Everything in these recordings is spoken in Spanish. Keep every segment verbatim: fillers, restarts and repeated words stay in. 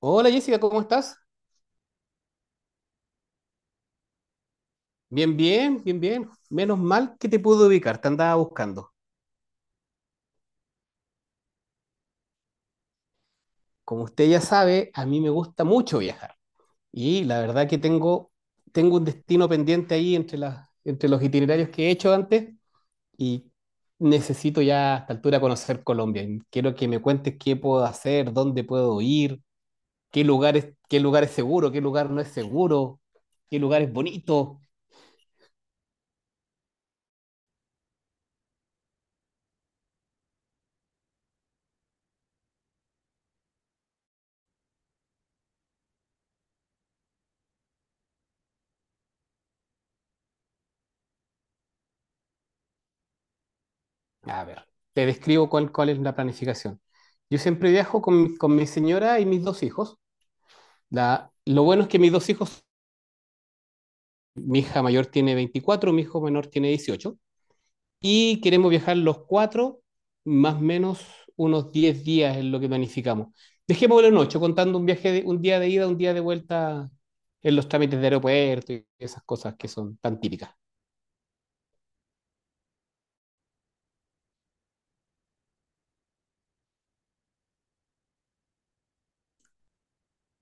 Hola Jessica, ¿cómo estás? Bien, bien, bien, bien. Menos mal que te pude ubicar, te andaba buscando. Como usted ya sabe, a mí me gusta mucho viajar. Y la verdad que tengo, tengo un destino pendiente ahí entre las, entre los itinerarios que he hecho antes y necesito ya a esta altura conocer Colombia. Y Quiero que me cuentes qué puedo hacer, dónde puedo ir, qué lugar es, qué lugar es seguro, qué lugar no es seguro, qué lugar es bonito. A ver, te describo cuál, cuál es la planificación. Yo siempre viajo con, mi- con mi señora y mis dos hijos. La- lo bueno es que mis dos hijos, mi hija mayor tiene veinticuatro, mi hijo menor tiene dieciocho, y queremos viajar los cuatro, más o menos unos diez días es lo que planificamos. Dejémoslo en ocho contando un viaje de, un día de ida, un día de vuelta en los trámites de aeropuerto y esas cosas que son tan típicas.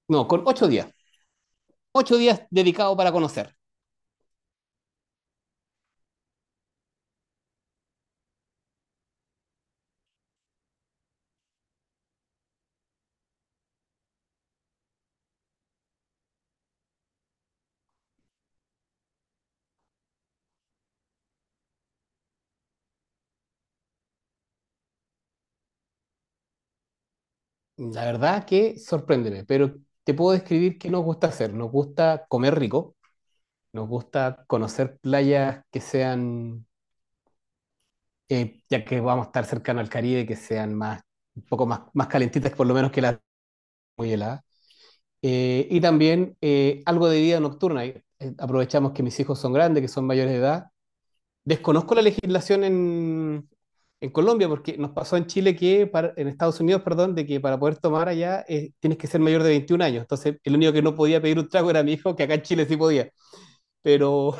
No, con ocho días. Ocho días dedicados para conocer. La verdad que sorpréndeme, pero te puedo describir qué nos gusta hacer. Nos gusta comer rico, nos gusta conocer playas que sean, eh, ya que vamos a estar cercano al Caribe, que sean más, un poco más, más calentitas, por lo menos que las muy heladas. Eh, y también eh, algo de vida nocturna. Eh, Aprovechamos que mis hijos son grandes, que son mayores de edad. Desconozco la legislación en, en Colombia, porque nos pasó en Chile que, para- en Estados Unidos, perdón, de que para poder tomar allá eh, tienes que ser mayor de veintiún años. Entonces, el único que no podía pedir un trago era mi hijo, que acá en Chile sí podía, pero,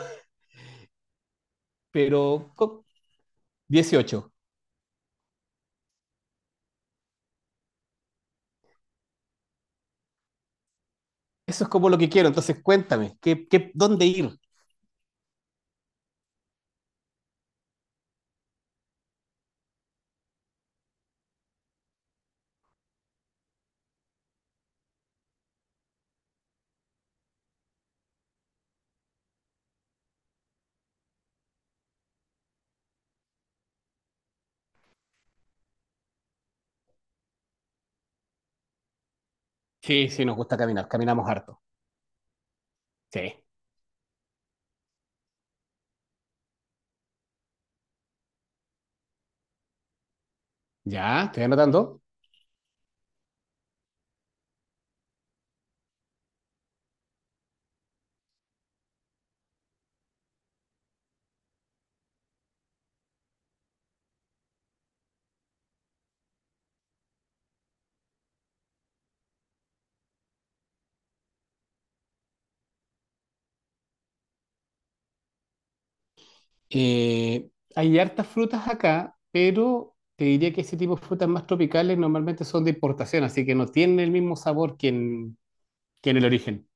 pero co- dieciocho. Eso es como lo que quiero. Entonces, cuéntame, ¿qué, qué, dónde ir? Sí, sí, nos gusta caminar, caminamos harto. Sí, ya, estoy anotando. Eh, hay hartas frutas acá, pero te diría que ese tipo de frutas más tropicales normalmente son de importación, así que no tienen el mismo sabor que en, que en el origen.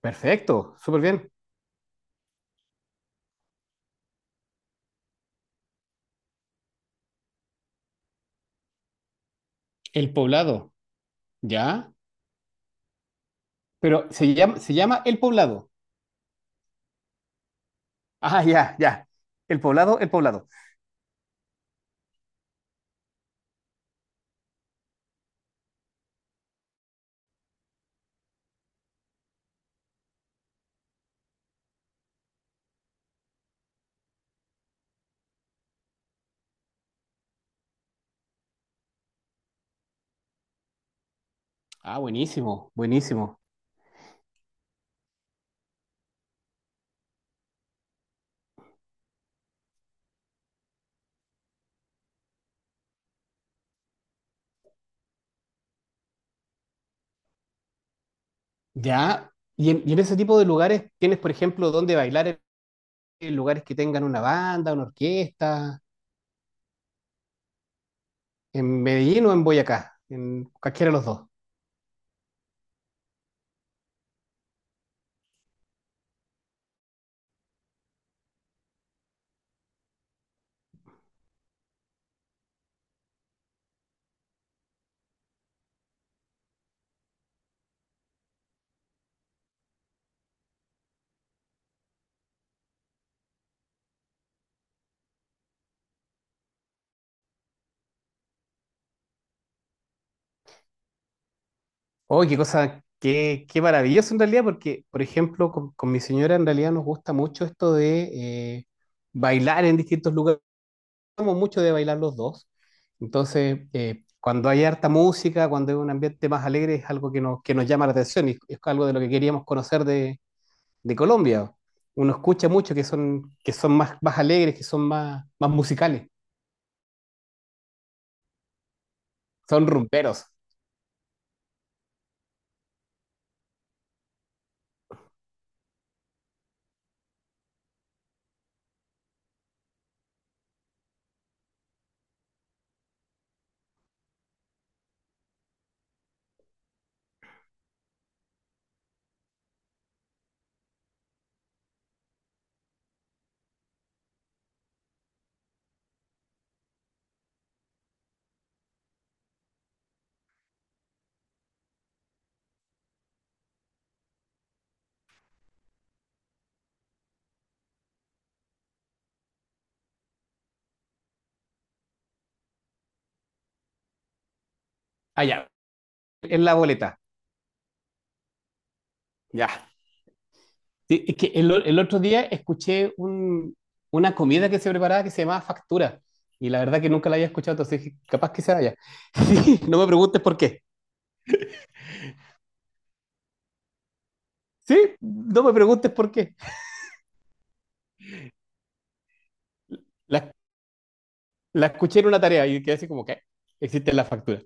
Perfecto, súper bien. El poblado, ¿ya? Pero se llama, se llama el poblado. Ah, ya, ya. El poblado, el poblado. Ah, buenísimo, buenísimo. Ya. Y en, y en ese tipo de lugares tienes, por ejemplo, donde bailar en en lugares que tengan una banda, una orquesta, en Medellín o en Boyacá, en cualquiera de los dos. Oh, qué cosa, qué, qué maravilloso en realidad, porque, por ejemplo, con, con mi señora en realidad nos gusta mucho esto de eh, bailar en distintos lugares. Somos mucho de bailar los dos. Entonces, eh, cuando hay harta música, cuando hay un ambiente más alegre, es algo que nos, que nos llama la atención y es algo de lo que queríamos conocer de, de Colombia. Uno escucha mucho que son, que son más, más alegres, que son más, más musicales, son rumberos. Ah, ya, en la boleta. Ya. Sí, es que el, o- el otro día escuché un- una comida que se preparaba que se llamaba factura. Y la verdad que nunca la había escuchado, entonces dije, capaz que sea allá. Sí, no me preguntes por qué. Sí, no me preguntes por qué. La, la escuché en una tarea y quedé así como que existe la factura.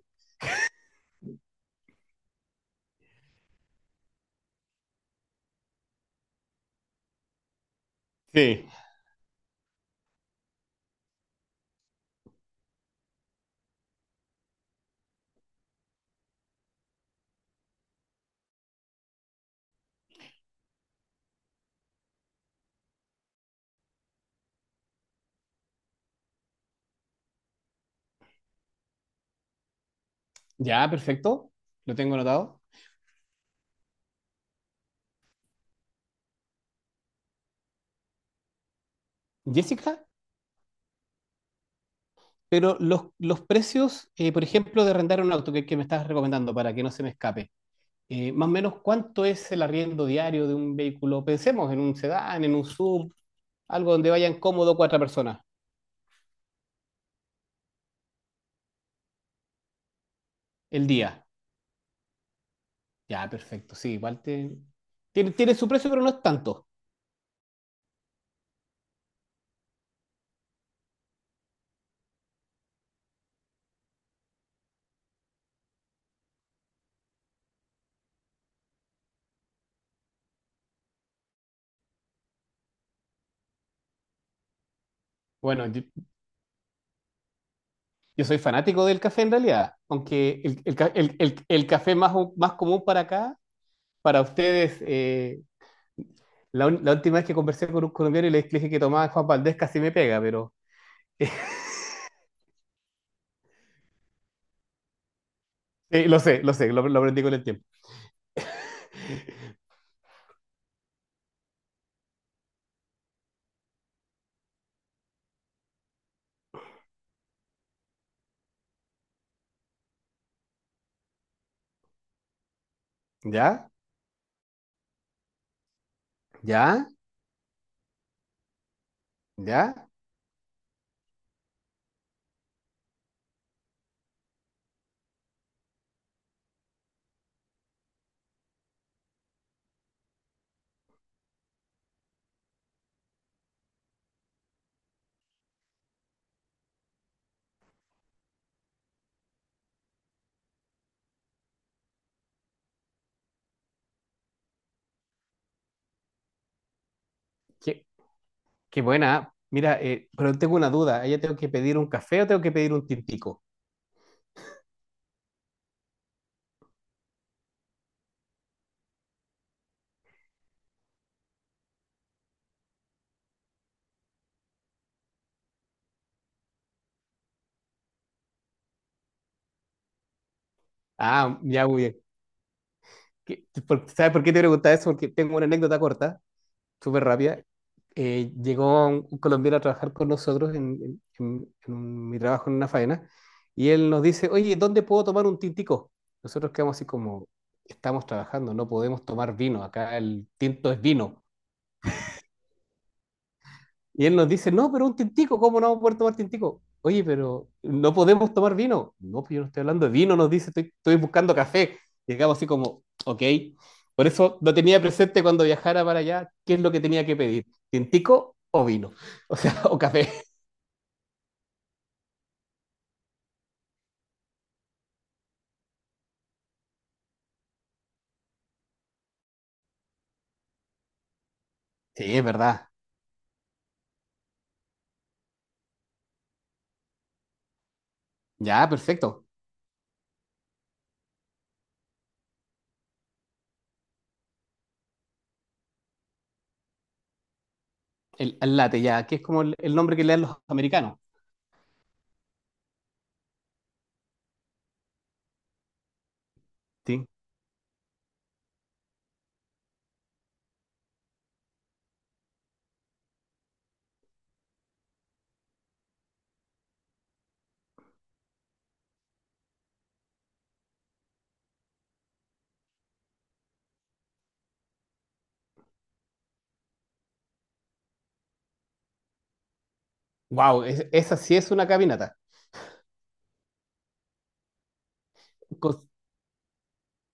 Sí. Ya, perfecto. Lo tengo anotado. Jessica, pero los, los precios, eh, por ejemplo, de rentar un auto que, que me estás recomendando para que no se me escape. Eh, más o menos cuánto es el arriendo diario de un vehículo. Pensemos en un sedán, en un sub, algo donde vayan cómodo cuatro personas el día. Ya, perfecto, sí, igual te- tiene, tiene su precio, pero no es tanto. Bueno, yo, yo soy fanático del café en realidad, aunque el, el ca- el- el- el café más, u- más común para acá, para ustedes, eh, la, un- la última vez que conversé con un colombiano y le dije que tomaba Juan Valdés casi me pega, pero... Sí, lo sé, lo sé, lo, lo aprendí con el tiempo. ¿Ya? ¿Ya? ¿Ya? ¿Qué, ¿Qué buena? Mira, eh, pero tengo una duda. ¿Ella tengo que pedir un café o tengo que pedir un tintico? Ah, ya muy bien. ¿Qué- por- ¿Sabes por qué te preguntaba eso? Porque tengo una anécdota corta, súper rápida. Eh, llegó un, un colombiano a trabajar con nosotros en, en- en- en un- mi trabajo en una faena y él nos dice, oye, ¿dónde puedo tomar un tintico? Nosotros quedamos así como, estamos trabajando, no podemos tomar vino, acá el tinto es vino. Y él nos dice, no, pero un tintico, ¿cómo no vamos a poder tomar tintico? Oye, pero no podemos tomar vino. No, pero yo no estoy hablando de vino, nos dice, estoy, estoy buscando café. Y acabo así como, ok. Por eso lo tenía presente cuando viajara para allá, qué es lo que tenía que pedir, tintico o vino, o sea, o café. Sí, es verdad. Ya, perfecto. El, el latte, ya, que es como el, el nombre que le dan los americanos. Sí. Wow, es- esa sí es una caminata. Con-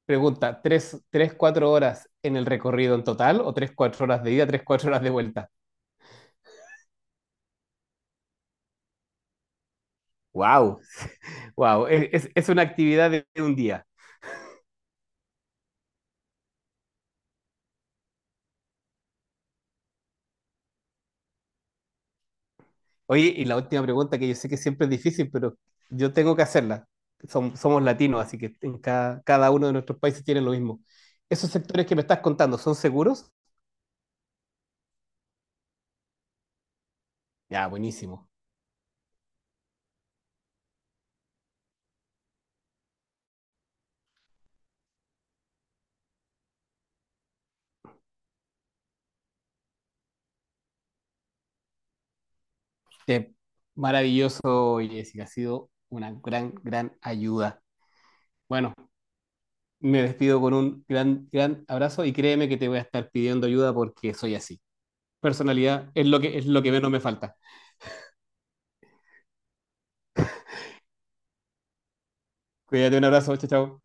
Pregunta, ¿tres, tres, cuatro horas en el recorrido en total o tres, cuatro horas de ida, tres, cuatro horas de vuelta? Wow. Wow, es, es- es una actividad de un día. Oye, y la última pregunta que yo sé que siempre es difícil, pero yo tengo que hacerla. Som- somos latinos, así que en cada, cada uno de nuestros países tiene lo mismo. ¿Esos sectores que me estás contando son seguros? Ya, buenísimo. Te- Maravilloso, Jessica. Ha sido una gran, gran ayuda. Bueno, me despido con un gran, gran abrazo y créeme que te voy a estar pidiendo ayuda porque soy así. Personalidad es lo que, es lo que menos me falta. Cuídate, un abrazo, chao, chao.